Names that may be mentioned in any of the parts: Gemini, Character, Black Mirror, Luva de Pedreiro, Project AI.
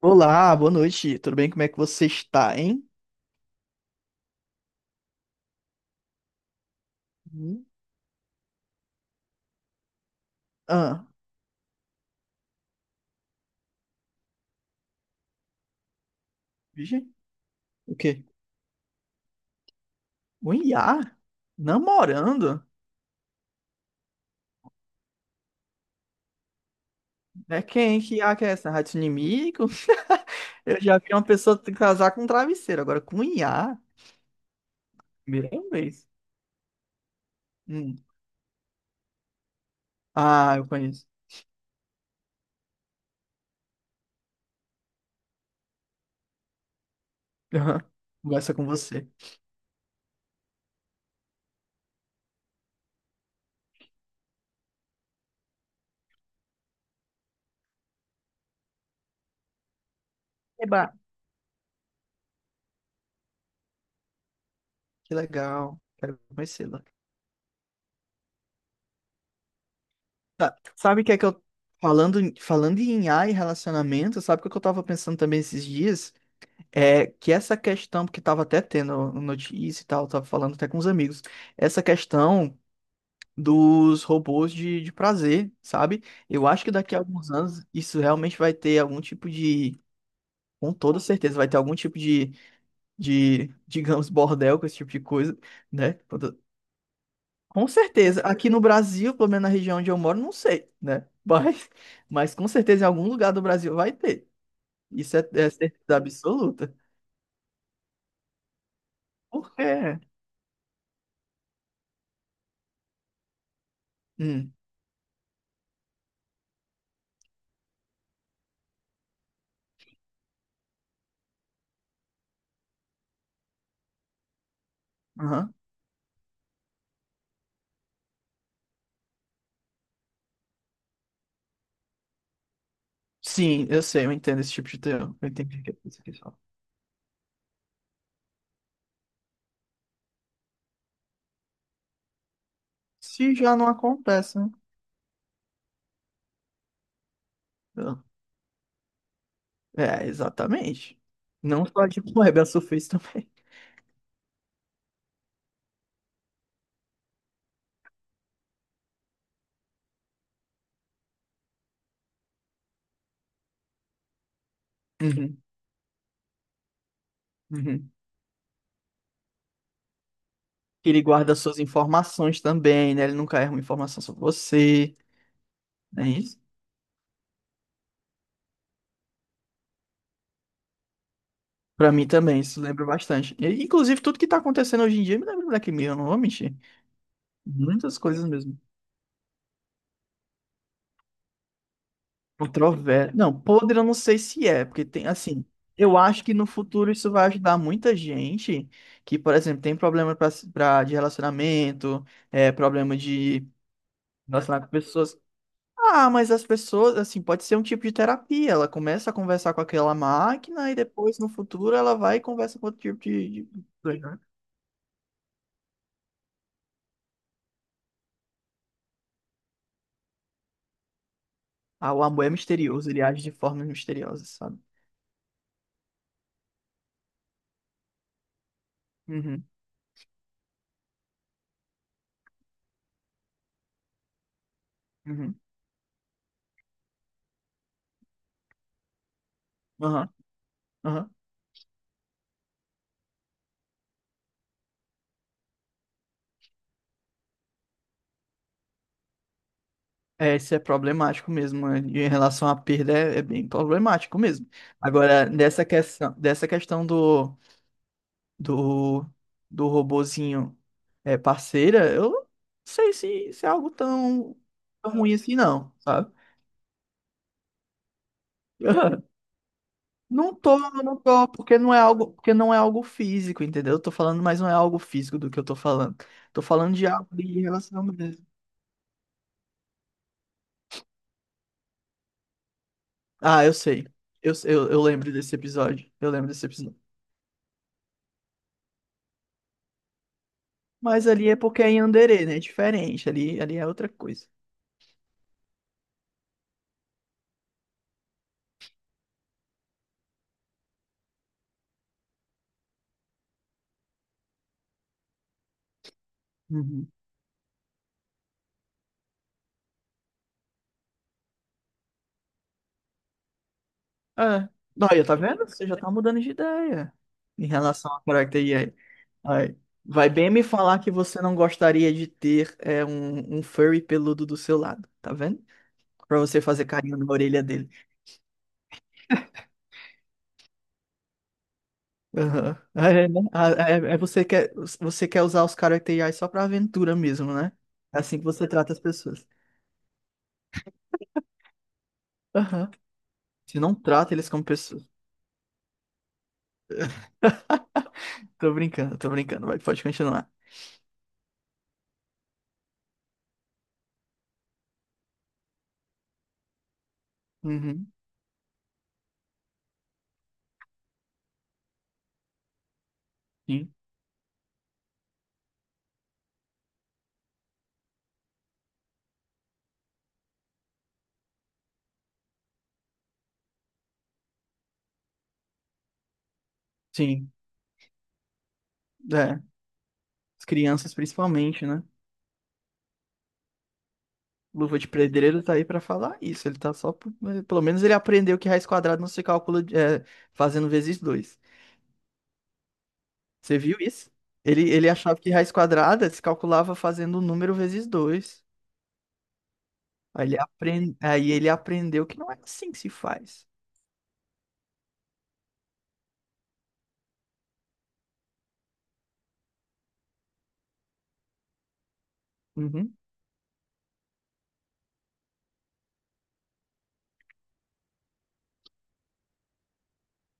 Olá, boa noite. Tudo bem? Como é que você está, hein? Hum. Ah, vixe, o quê? Um IA? Namorando? É quem? Que IA que é essa? Rato inimigo? Eu já vi uma pessoa casar com um travesseiro, agora com um IA? Primeira vez. Hum. Ah, eu conheço. Aham. Conversa com você. Eba. Que legal. Quero conhecê-la. Tá. Sabe o que é que eu. Falando em IA e relacionamento, sabe o que eu tava pensando também esses dias? É que essa questão, porque estava até tendo notícia e tal, estava falando até com os amigos, essa questão dos robôs de prazer, sabe? Eu acho que daqui a alguns anos isso realmente vai ter algum tipo de, com toda certeza, vai ter algum tipo de, digamos, bordel com esse tipo de coisa, né? Com certeza. Aqui no Brasil, pelo menos na região onde eu moro, não sei, né? Mas, com certeza em algum lugar do Brasil vai ter. Isso é certeza absoluta. Por quê? Hum. Aham. Sim, eu sei, eu entendo esse tipo de teor. Eu entendo o que você quis falar. Se já não acontece, né? Eu- É, exatamente. Não só de web, a Surface também. Uhum, uhum. Que ele guarda suas informações também, né? Ele nunca erra uma informação sobre você, não é isso? Pra mim também, isso lembra bastante. E, inclusive, tudo que tá acontecendo hoje em dia me lembra Black Mirror, não vou mentir. Muitas coisas mesmo. Não, podre eu não sei se é, porque tem assim. Eu acho que no futuro isso vai ajudar muita gente que, por exemplo, tem problema de relacionamento, é, problema de relacionar com pessoas. Ah, mas as pessoas, assim, pode ser um tipo de terapia. Ela começa a conversar com aquela máquina e depois, no futuro, ela vai e conversa com outro tipo de... Uhum. Ah, o amor é misterioso, ele age de formas misteriosas, sabe? Uhum, uhum, aham, aham. É, isso é problemático mesmo, né? Em relação à perda, é, é bem problemático mesmo. Agora, dessa questão do, do robozinho é, parceira, eu não sei se é algo tão, tão ruim assim, não, sabe? Eu não tô, não tô, porque não é algo, físico, entendeu? Eu tô falando, mas não é algo físico do que eu tô falando. Tô falando de algo de relação mesmo. Ah, eu sei. Eu lembro desse episódio. Eu lembro desse episódio. Mas ali é porque é em Anderê, né? É diferente. Ali é outra coisa. Uhum. É. Olha, tá vendo? Você já tá mudando de ideia em relação à Project AI. Aí, vai bem me falar que você não gostaria de ter um furry peludo do seu lado, tá vendo? Pra você fazer carinho na orelha dele. Aham. É, né? Ah, você quer usar os Character só pra aventura mesmo, né? É assim que você trata as pessoas. Aham. Você não trata eles como pessoas. Tô brincando, tô brincando. Vai, pode continuar. Uhum, sim, sim, é, as crianças principalmente, né? Luva de Pedreiro tá aí pra falar isso, ele tá só, pelo menos ele aprendeu que raiz quadrada não se calcula fazendo vezes dois. Você viu isso? Ele achava que raiz quadrada se calculava fazendo o número vezes dois. Aí ele aprendeu que não é assim que se faz. Uhum.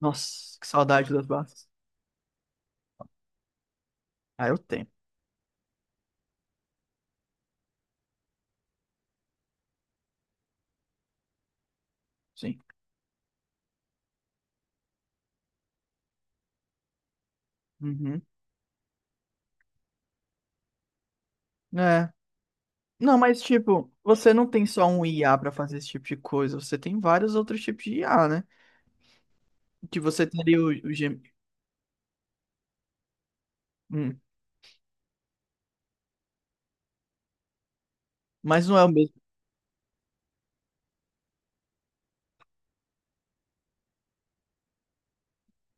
Nossa, que saudade das bases. Ah, eu tenho, sim. Uhum. É, não, mas tipo, você não tem só um IA pra fazer esse tipo de coisa, você tem vários outros tipos de IA, né? Que você teria o Gem-. Hum, mas não é o mesmo.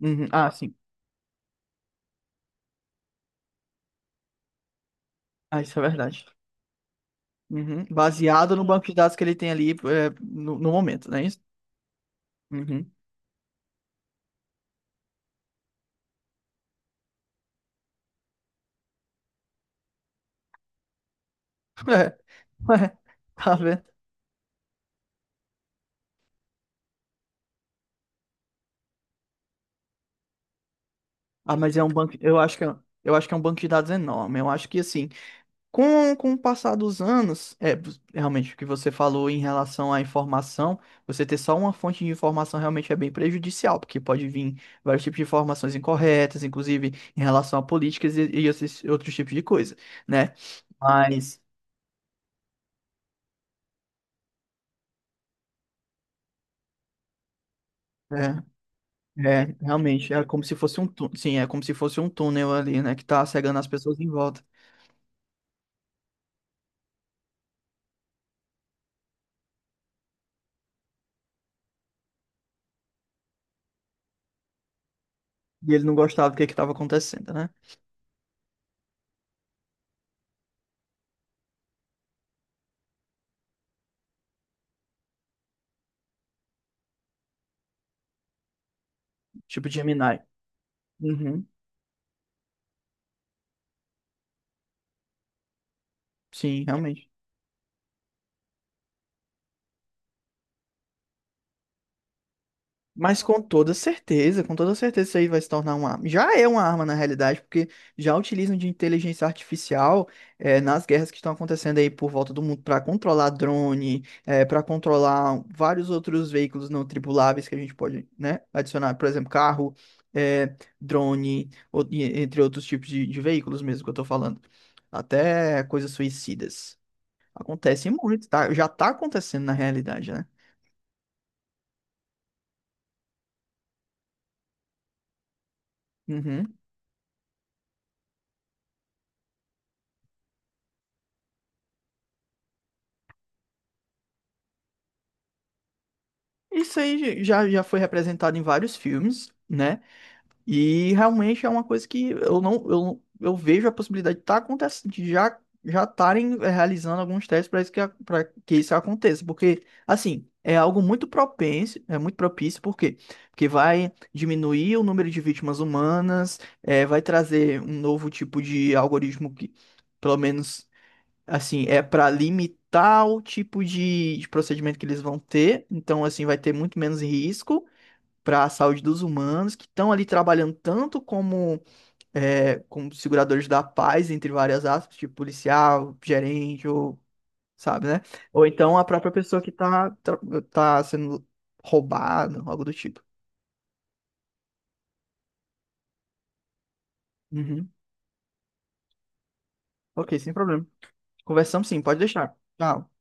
Uhum. Ah, sim. Ah, isso é verdade. Uhum. Baseado no banco de dados que ele tem ali é, no momento, não é isso? Uhum. É, é, tá vendo? Ah, mas é um banco. Eu acho que é um banco de dados enorme. Eu acho que assim. Com o passar dos anos, é realmente o que você falou em relação à informação, você ter só uma fonte de informação realmente é bem prejudicial, porque pode vir vários tipos de informações incorretas, inclusive em relação a políticas e esses outros tipos de coisa, né? Mas é, realmente é como se fosse um túnel, sim, é como se fosse um túnel ali, né, que tá cegando as pessoas em volta. E ele não gostava do que estava acontecendo, né? Tipo de Gemini. Uhum, sim, realmente. Mas com toda certeza isso aí vai se tornar uma arma. Já é uma arma na realidade, porque já utilizam de inteligência artificial nas guerras que estão acontecendo aí por volta do mundo para controlar drone, para controlar vários outros veículos não tripuláveis que a gente pode, né, adicionar, por exemplo, carro, drone, entre outros tipos de veículos mesmo que eu tô falando. Até coisas suicidas. Acontece muito, tá? Já tá acontecendo na realidade, né? Uhum. Isso aí já foi representado em vários filmes, né? E realmente é uma coisa que eu não, eu, não- eu vejo a possibilidade de tá acontecendo, de já já estarem realizando alguns testes para isso que para que isso aconteça, porque assim, é algo muito propenso, é muito propício, por quê? Porque vai diminuir o número de vítimas humanas, vai trazer um novo tipo de algoritmo que, pelo menos assim, é para limitar o tipo de procedimento que eles vão ter. Então, assim, vai ter muito menos risco para a saúde dos humanos que estão ali trabalhando tanto como seguradores da paz, entre várias aspas, tipo policial, gerente, ou sabe, né? Ou então a própria pessoa que tá sendo roubada, algo do tipo. Uhum. Ok, sem problema. Conversamos sim, pode deixar. Tchau.